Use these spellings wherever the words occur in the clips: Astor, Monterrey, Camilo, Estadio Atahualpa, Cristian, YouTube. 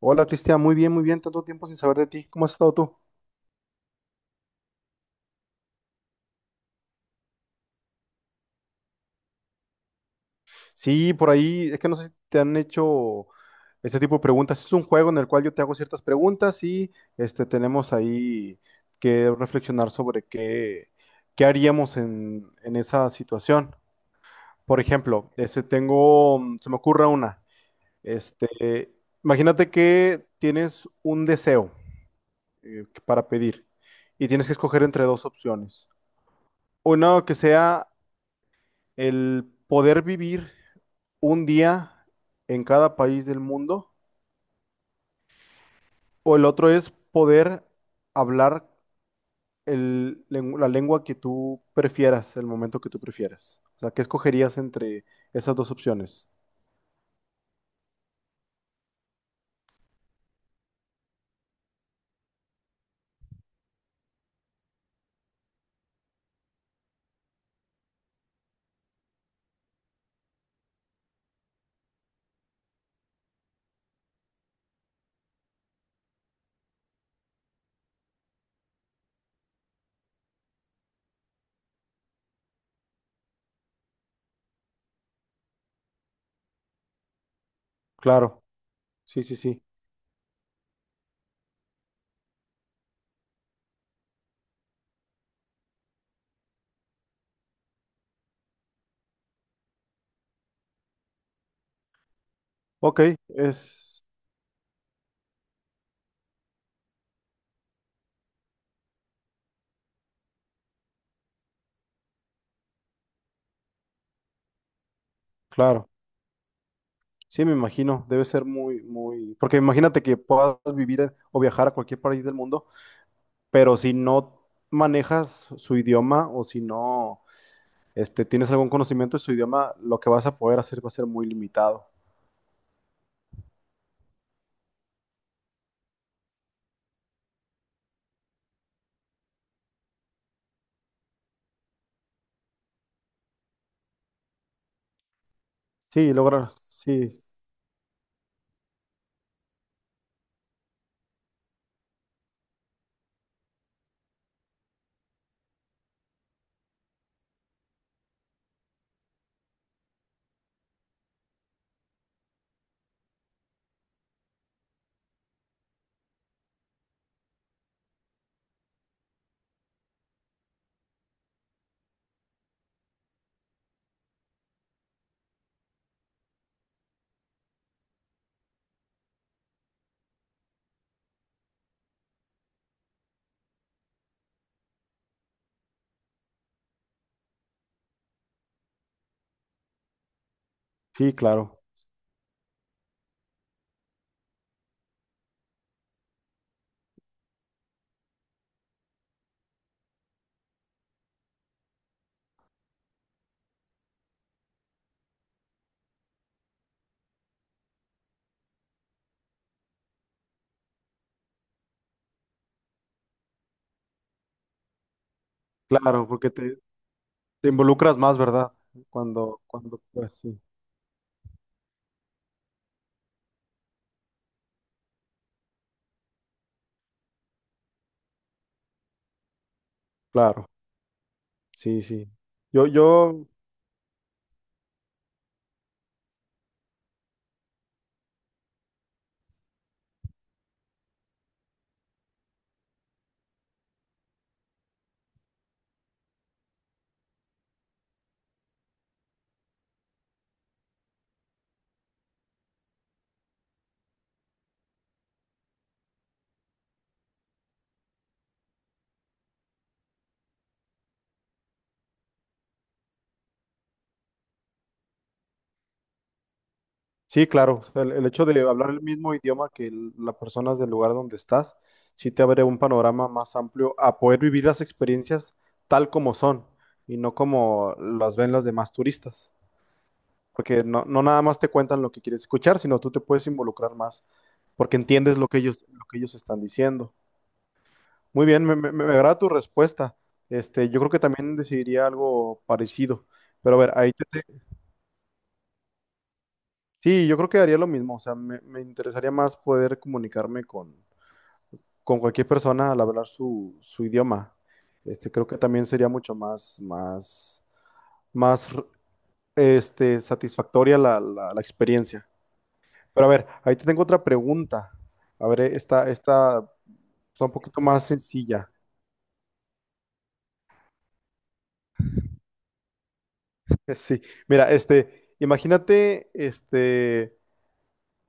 Hola Cristian, muy bien, tanto tiempo sin saber de ti. ¿Cómo has estado tú? Sí, por ahí, es que no sé si te han hecho este tipo de preguntas. Es un juego en el cual yo te hago ciertas preguntas y tenemos ahí que reflexionar sobre qué haríamos en esa situación. Por ejemplo, se me ocurre una. Este, Imagínate que tienes un deseo para pedir y tienes que escoger entre dos opciones. Una que sea el poder vivir un día en cada país del mundo, o el otro es poder hablar la lengua que tú prefieras, el momento que tú prefieras. O sea, ¿qué escogerías entre esas dos opciones? Claro, sí, sí, sí. Ok, es claro. Sí, me imagino, debe ser muy, muy. Porque imagínate que puedas vivir o viajar a cualquier país del mundo, pero si no manejas su idioma o si no tienes algún conocimiento de su idioma, lo que vas a poder hacer va a ser muy limitado. Sí, lograr, sí, sí, claro, claro, porque te involucras más, ¿verdad? Cuando, pues sí, claro, sí, sí. Yo, yo, sí, claro, o sea, el hecho de hablar el mismo idioma que las personas del lugar donde estás, sí te abre un panorama más amplio a poder vivir las experiencias tal como son y no como las ven las demás turistas. Porque no nada más te cuentan lo que quieres escuchar, sino tú te puedes involucrar más, porque entiendes lo que ellos están diciendo. Muy bien, me agrada tu respuesta. Yo creo que también decidiría algo parecido. Pero a ver, Sí, yo creo que haría lo mismo. O sea, me interesaría más poder comunicarme con cualquier persona al hablar su idioma. Creo que también sería mucho más, satisfactoria la experiencia. Pero a ver, ahí te tengo otra pregunta. A ver, esta está un poquito más sencilla. Sí, mira, imagínate,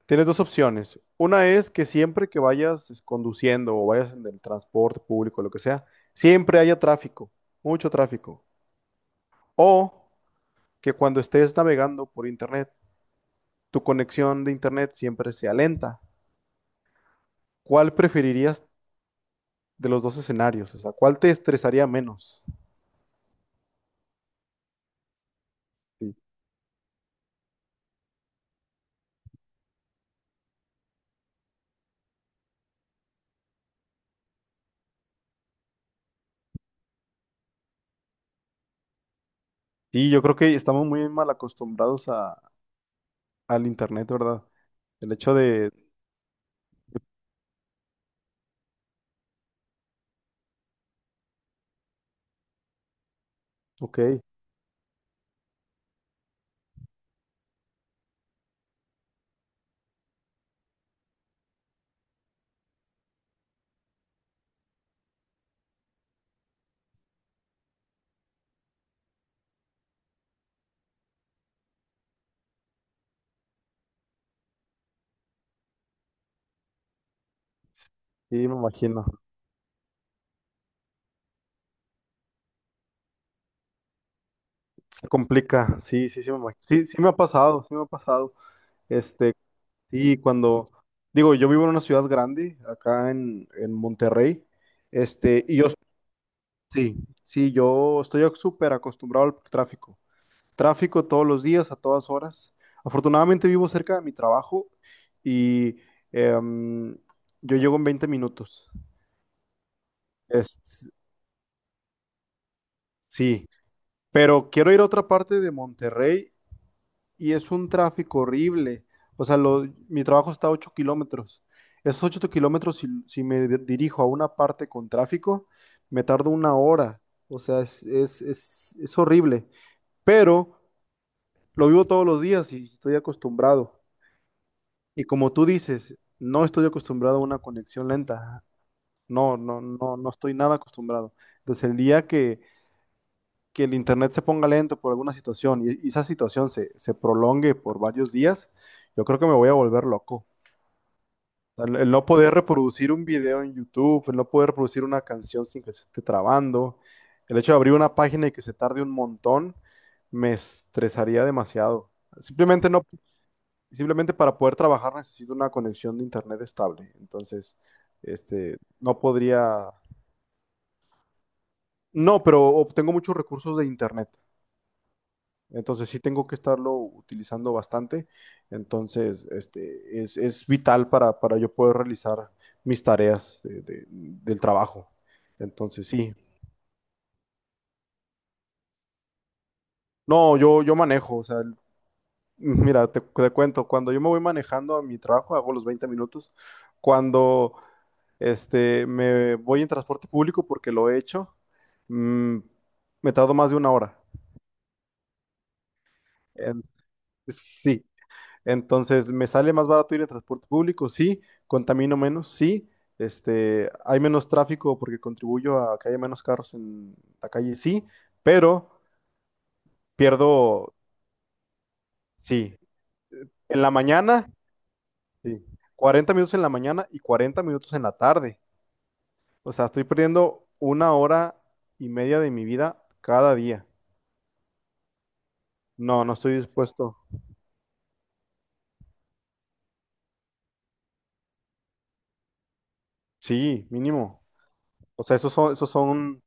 tienes dos opciones. Una es que siempre que vayas conduciendo o vayas en el transporte público, lo que sea, siempre haya tráfico, mucho tráfico. O que cuando estés navegando por internet, tu conexión de internet siempre sea lenta. ¿Cuál preferirías de los dos escenarios? O sea, ¿cuál te estresaría menos? Sí. Sí, yo creo que estamos muy mal acostumbrados al internet, ¿verdad? El hecho de, ok, sí, me imagino, se complica, sí, sí, sí, me imagino. Sí, sí me ha pasado, sí me ha pasado. Este, sí, digo, yo vivo en una ciudad grande, acá en Monterrey, este, y yo, sí, sí, yo estoy súper acostumbrado al tráfico. Tráfico todos los días, a todas horas. Afortunadamente vivo cerca de mi trabajo y em, yo llego en 20 minutos. Es, sí, pero quiero ir a otra parte de Monterrey y es un tráfico horrible. O sea, mi trabajo está a 8 kilómetros. Esos 8 kilómetros, si dirijo a una parte con tráfico, me tardo una hora. O sea, es horrible. Pero lo vivo todos los días y estoy acostumbrado. Y como tú dices, no estoy acostumbrado a una conexión lenta. No, no, no, no estoy nada acostumbrado. Entonces, el día que el internet se ponga lento por alguna situación y esa situación se prolongue por varios días, yo creo que me voy a volver loco. O sea, el no poder reproducir un video en YouTube, el no poder reproducir una canción sin que se esté trabando, el hecho de abrir una página y que se tarde un montón, me estresaría demasiado. Simplemente no. Simplemente para poder trabajar necesito una conexión de internet estable. Entonces, no podría, no, pero obtengo muchos recursos de internet. Entonces sí tengo que estarlo utilizando bastante. Entonces, es vital para yo poder realizar mis tareas del trabajo. Entonces, sí. No, yo manejo, o sea, mira, te cuento, cuando yo me voy manejando a mi trabajo, hago los 20 minutos. Cuando me voy en transporte público, porque lo he hecho, mm, me tardo más de una hora. En- sí, entonces, ¿me sale más barato ir en transporte público? Sí. ¿Contamino menos? Sí. ¿Hay menos tráfico porque contribuyo a que haya menos carros en la calle? Sí. Pero pierdo, sí. En la mañana, sí. 40 minutos en la mañana y 40 minutos en la tarde. O sea, estoy perdiendo una hora y media de mi vida cada día. No, no estoy dispuesto. Sí, mínimo. O sea, esos son,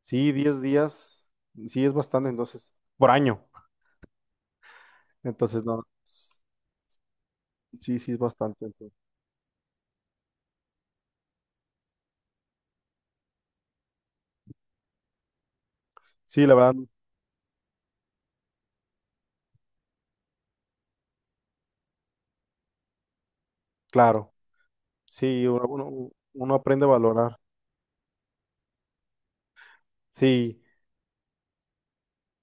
sí, 10 días. Sí, es bastante, entonces, por año. Entonces, no, sí, sí, es bastante. Entonces. Sí, la verdad, claro. Sí, uno aprende a valorar. Sí,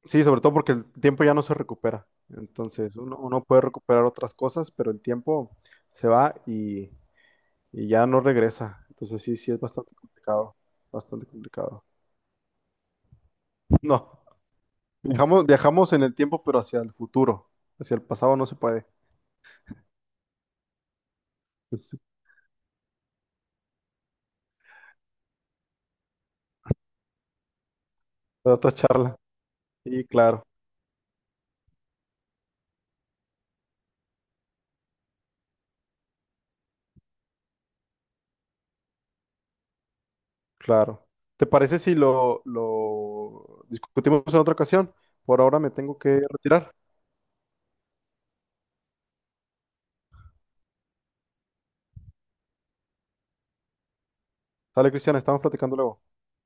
sí, sobre todo porque el tiempo ya no se recupera. Entonces, uno puede recuperar otras cosas, pero el tiempo se va y ya no regresa. Entonces, sí, sí, es bastante complicado. Bastante complicado. No, viajamos en el tiempo, pero hacia el futuro. Hacia el pasado no se puede. Es para otra charla. Sí, claro. Claro. ¿Te parece si lo discutimos en otra ocasión? Por ahora me tengo que retirar. Dale, Cristian, estamos platicando luego.